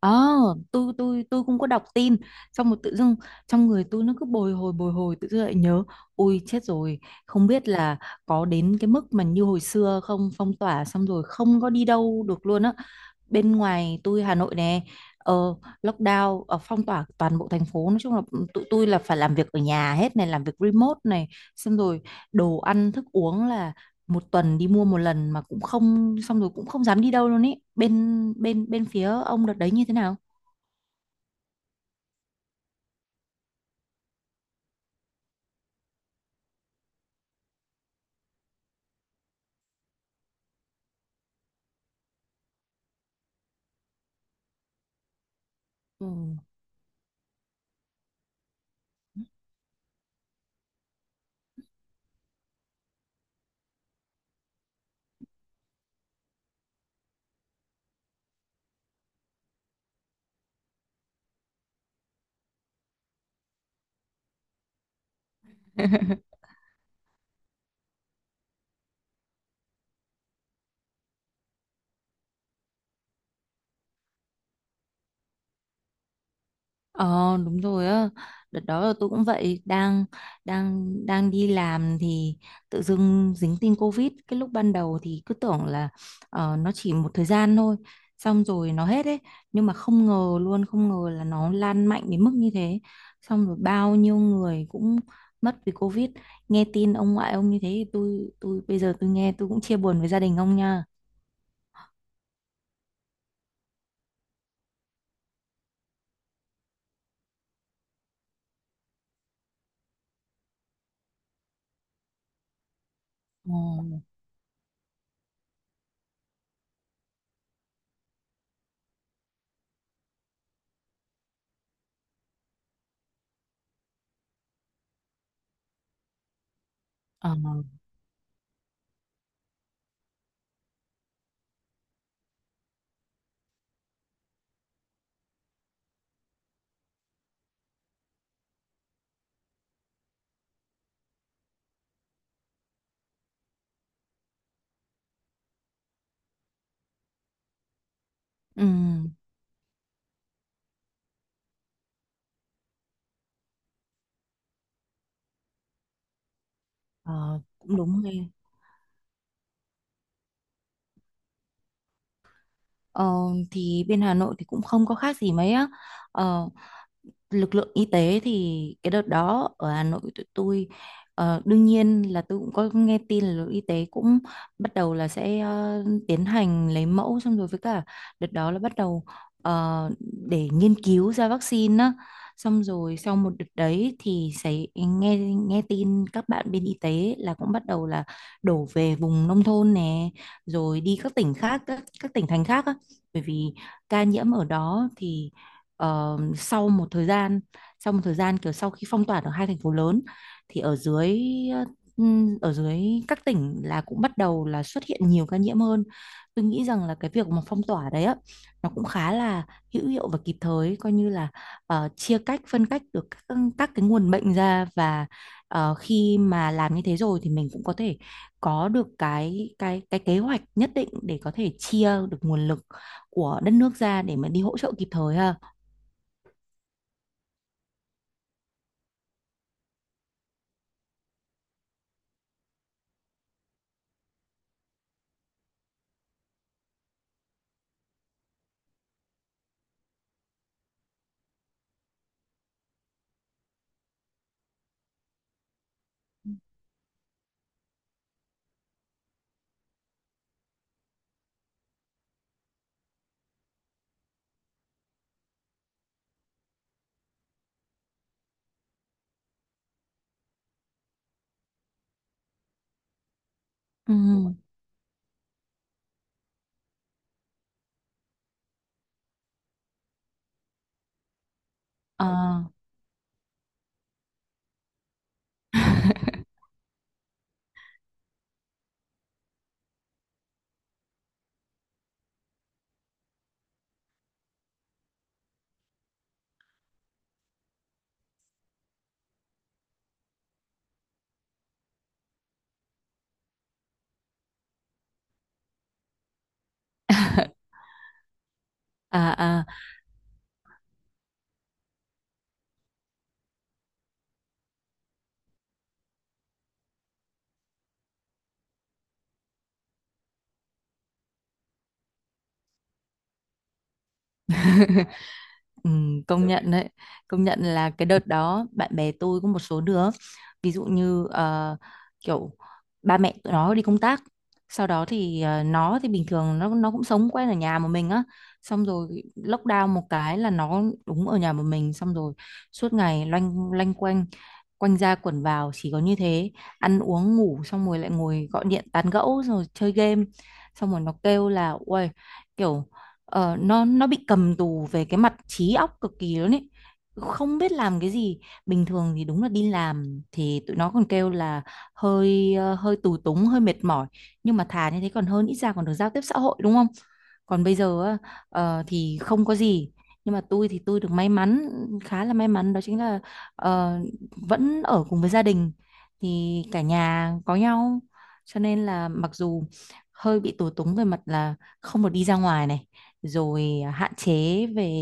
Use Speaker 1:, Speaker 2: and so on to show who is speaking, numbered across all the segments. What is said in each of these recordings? Speaker 1: Ờ, tôi cũng có đọc tin xong một tự dưng trong người tôi nó cứ bồi hồi bồi hồi, tự dưng lại nhớ. Ui, chết rồi, không biết là có đến cái mức mà như hồi xưa không. Phong tỏa xong rồi không có đi đâu được luôn á. Bên ngoài tôi Hà Nội nè, ờ, lockdown, phong tỏa toàn bộ thành phố. Nói chung là tụi tôi là phải làm việc ở nhà hết này, làm việc remote này, xong rồi đồ ăn thức uống là một tuần đi mua một lần mà cũng không, xong rồi cũng không dám đi đâu luôn ý. Bên bên bên phía ông đợt đấy như thế nào? Ừ. Ờ, đúng rồi á. Đợt đó là tôi cũng vậy, đang đang đang đi làm thì tự dưng dính tin Covid. Cái lúc ban đầu thì cứ tưởng là nó chỉ một thời gian thôi xong rồi nó hết ấy, nhưng mà không ngờ luôn, không ngờ là nó lan mạnh đến mức như thế. Xong rồi bao nhiêu người cũng mất vì Covid. Nghe tin ông ngoại ông như thế thì tôi bây giờ tôi nghe, tôi cũng chia buồn với gia đình ông nha. Ồ. Ờ. Ừ. Ờ. Cũng đúng ha. Ờ, thì bên Hà Nội thì cũng không có khác gì mấy á. Ờ, lực lượng y tế thì cái đợt đó ở Hà Nội tụi tôi đương nhiên là tôi cũng có nghe tin là lực lượng y tế cũng bắt đầu là sẽ tiến hành lấy mẫu, xong rồi với cả đợt đó là bắt đầu ờ, để nghiên cứu ra vaccine á. Xong rồi sau một đợt đấy thì sẽ nghe nghe tin các bạn bên y tế là cũng bắt đầu là đổ về vùng nông thôn nè, rồi đi các tỉnh khác, các tỉnh thành khác á, bởi vì ca nhiễm ở đó thì. Ờ, sau một thời gian, kiểu sau khi phong tỏa ở hai thành phố lớn thì ở dưới, ở dưới các tỉnh là cũng bắt đầu là xuất hiện nhiều ca nhiễm hơn. Tôi nghĩ rằng là cái việc mà phong tỏa đấy á, nó cũng khá là hữu hiệu và kịp thời, coi như là chia cách, phân cách được các cái nguồn bệnh ra, và khi mà làm như thế rồi thì mình cũng có thể có được cái cái kế hoạch nhất định để có thể chia được nguồn lực của đất nước ra để mà đi hỗ trợ kịp thời ha. Ừ. Ờ. À, à, ừ, công nhận đấy. Công nhận là cái đợt đó bạn bè tôi có một số đứa, ví dụ như kiểu ba mẹ tụi nó đi công tác, sau đó thì nó thì bình thường nó cũng sống quen ở nhà một mình á, xong rồi lockdown một cái là nó đúng ở nhà một mình. Xong rồi suốt ngày loanh loanh quanh quanh ra quẩn vào, chỉ có như thế, ăn uống ngủ xong rồi lại ngồi gọi điện tán gẫu rồi chơi game. Xong rồi nó kêu là uầy, kiểu nó bị cầm tù về cái mặt trí óc cực kỳ luôn ấy, không biết làm cái gì. Bình thường thì đúng là đi làm thì tụi nó còn kêu là hơi hơi tù túng, hơi mệt mỏi, nhưng mà thà như thế còn hơn, ít ra còn được giao tiếp xã hội đúng không. Còn bây giờ á, thì không có gì. Nhưng mà tôi thì tôi được may mắn, khá là may mắn, đó chính là ờ, vẫn ở cùng với gia đình, thì cả nhà có nhau. Cho nên là mặc dù hơi bị tù túng về mặt là không được đi ra ngoài này, rồi hạn chế về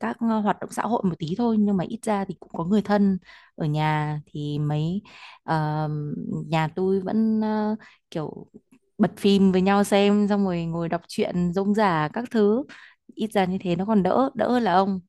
Speaker 1: các hoạt động xã hội một tí thôi, nhưng mà ít ra thì cũng có người thân ở nhà thì mấy. ờ, Nhà tôi vẫn, kiểu bật phim với nhau xem xong rồi ngồi đọc truyện rông rả các thứ, ít ra như thế nó còn đỡ, đỡ hơn là ông.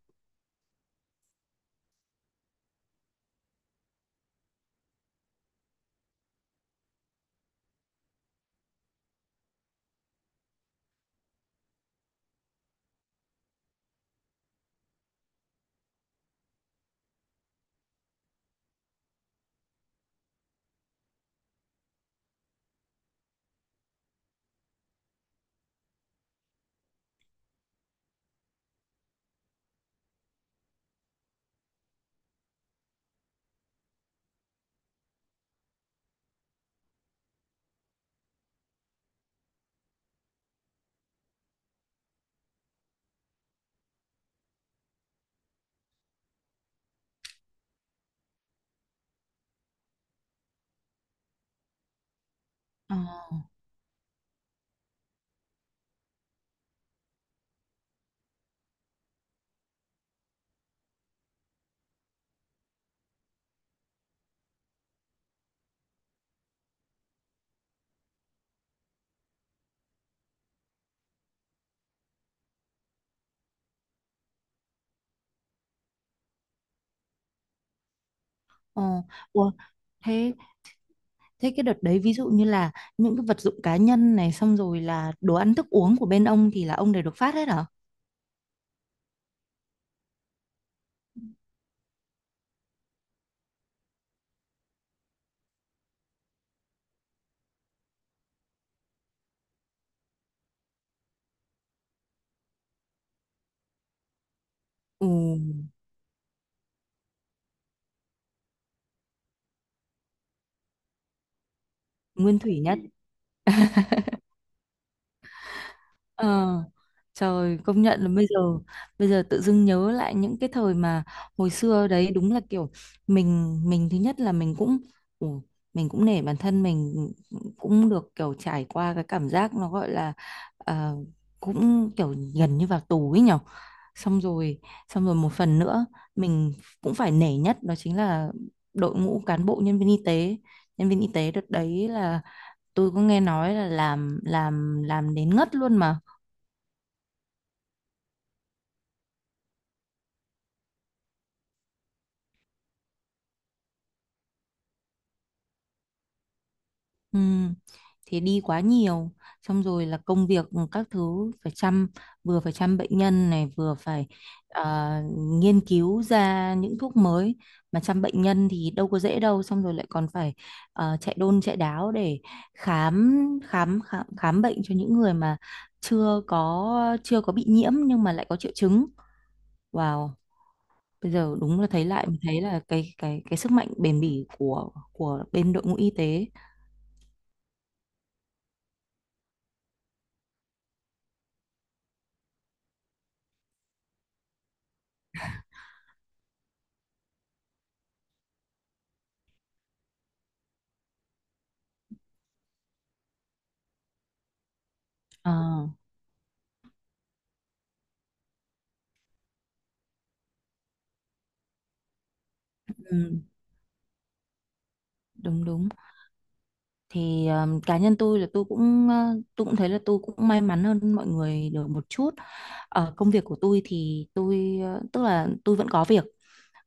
Speaker 1: Ờ. Ờ. Ủa, thế. Cái đợt đấy ví dụ như là những cái vật dụng cá nhân này xong rồi là đồ ăn thức uống của bên ông thì là ông đều được phát hết hả? Ừ, nguyên thủy nhá. Ờ, trời công nhận là bây giờ, tự dưng nhớ lại những cái thời mà hồi xưa đấy, đúng là kiểu mình, thứ nhất là mình cũng, ừ, mình cũng nể bản thân mình, cũng được kiểu trải qua cái cảm giác nó gọi là ờ, cũng kiểu gần như vào tù ấy nhở. Xong rồi, xong rồi một phần nữa mình cũng phải nể nhất, đó chính là đội ngũ cán bộ nhân viên y tế. Nhân viên y tế đợt đấy là tôi có nghe nói là làm đến ngất luôn mà. Ừ, thì đi quá nhiều, xong rồi là công việc các thứ phải chăm, vừa phải chăm bệnh nhân này, vừa phải ờ, nghiên cứu ra những thuốc mới. Mà chăm bệnh nhân thì đâu có dễ đâu, xong rồi lại còn phải chạy đôn chạy đáo để khám, khám bệnh cho những người mà chưa có, bị nhiễm nhưng mà lại có triệu chứng. Wow, bây giờ đúng là thấy lại, mình thấy là cái cái sức mạnh bền bỉ của bên đội ngũ y tế. Ờ. Ừ. Đúng đúng. Thì cá nhân tôi là tôi cũng, tôi cũng thấy là tôi cũng may mắn hơn mọi người được một chút. Ở công việc của tôi thì tôi, tức là tôi vẫn có việc,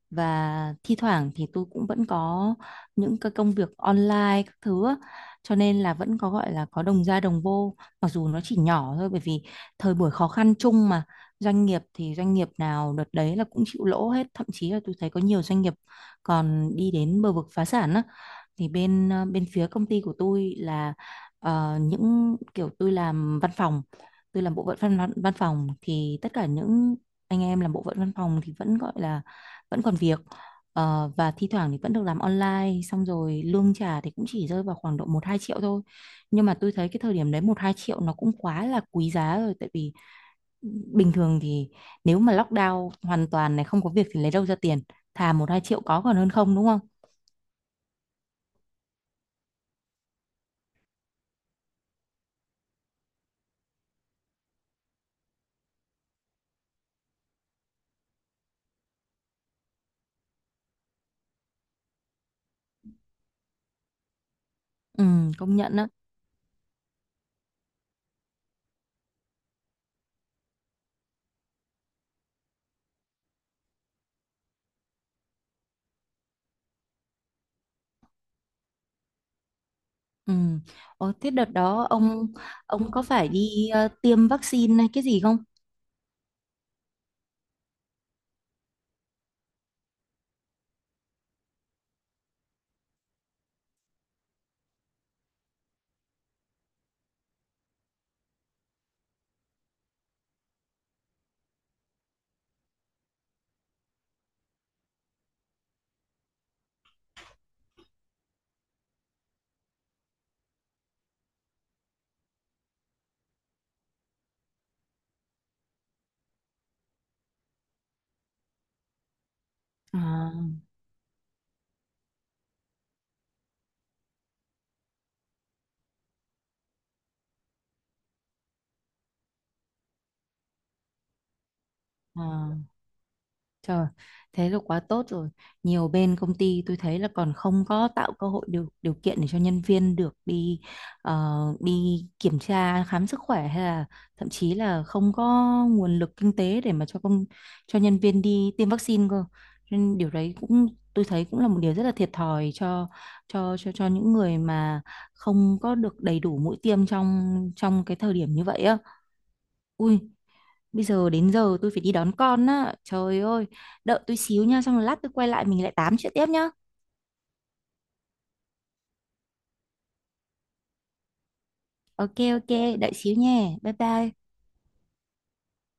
Speaker 1: và thi thoảng thì tôi cũng vẫn có những cái công việc online các thứ á. Cho nên là vẫn có gọi là có đồng ra đồng vô, mặc dù nó chỉ nhỏ thôi, bởi vì thời buổi khó khăn chung mà. Doanh nghiệp thì doanh nghiệp nào đợt đấy là cũng chịu lỗ hết, thậm chí là tôi thấy có nhiều doanh nghiệp còn đi đến bờ vực phá sản á. Thì bên, bên phía công ty của tôi là những kiểu tôi làm văn phòng, tôi làm bộ phận văn, văn văn phòng thì tất cả những anh em làm bộ phận văn phòng thì vẫn gọi là vẫn còn việc. Ờ, và thi thoảng thì vẫn được làm online, xong rồi lương trả thì cũng chỉ rơi vào khoảng độ 1-2 triệu thôi. Nhưng mà tôi thấy cái thời điểm đấy 1-2 triệu nó cũng quá là quý giá rồi, tại vì ừ, bình thường thì nếu mà lockdown hoàn toàn này không có việc thì lấy đâu ra tiền. Thà 1-2 triệu có còn hơn không, đúng không? Ừ, công nhận á. Ừ. Ồ, thế đợt đó ông, có phải đi tiêm vaccine hay cái gì không? À, à. Trời, thế là quá tốt rồi. Nhiều bên công ty tôi thấy là còn không có tạo cơ hội điều điều kiện để cho nhân viên được đi đi kiểm tra khám sức khỏe, hay là thậm chí là không có nguồn lực kinh tế để mà cho công, cho nhân viên đi tiêm vaccine cơ. Nên điều đấy cũng, tôi thấy cũng là một điều rất là thiệt thòi cho những người mà không có được đầy đủ mũi tiêm trong trong cái thời điểm như vậy á. Ui, bây giờ đến giờ tôi phải đi đón con á, trời ơi. Đợi tôi xíu nha, xong rồi lát tôi quay lại mình lại tám chuyện tiếp nhá. Ok ok, đợi xíu nha, bye bye.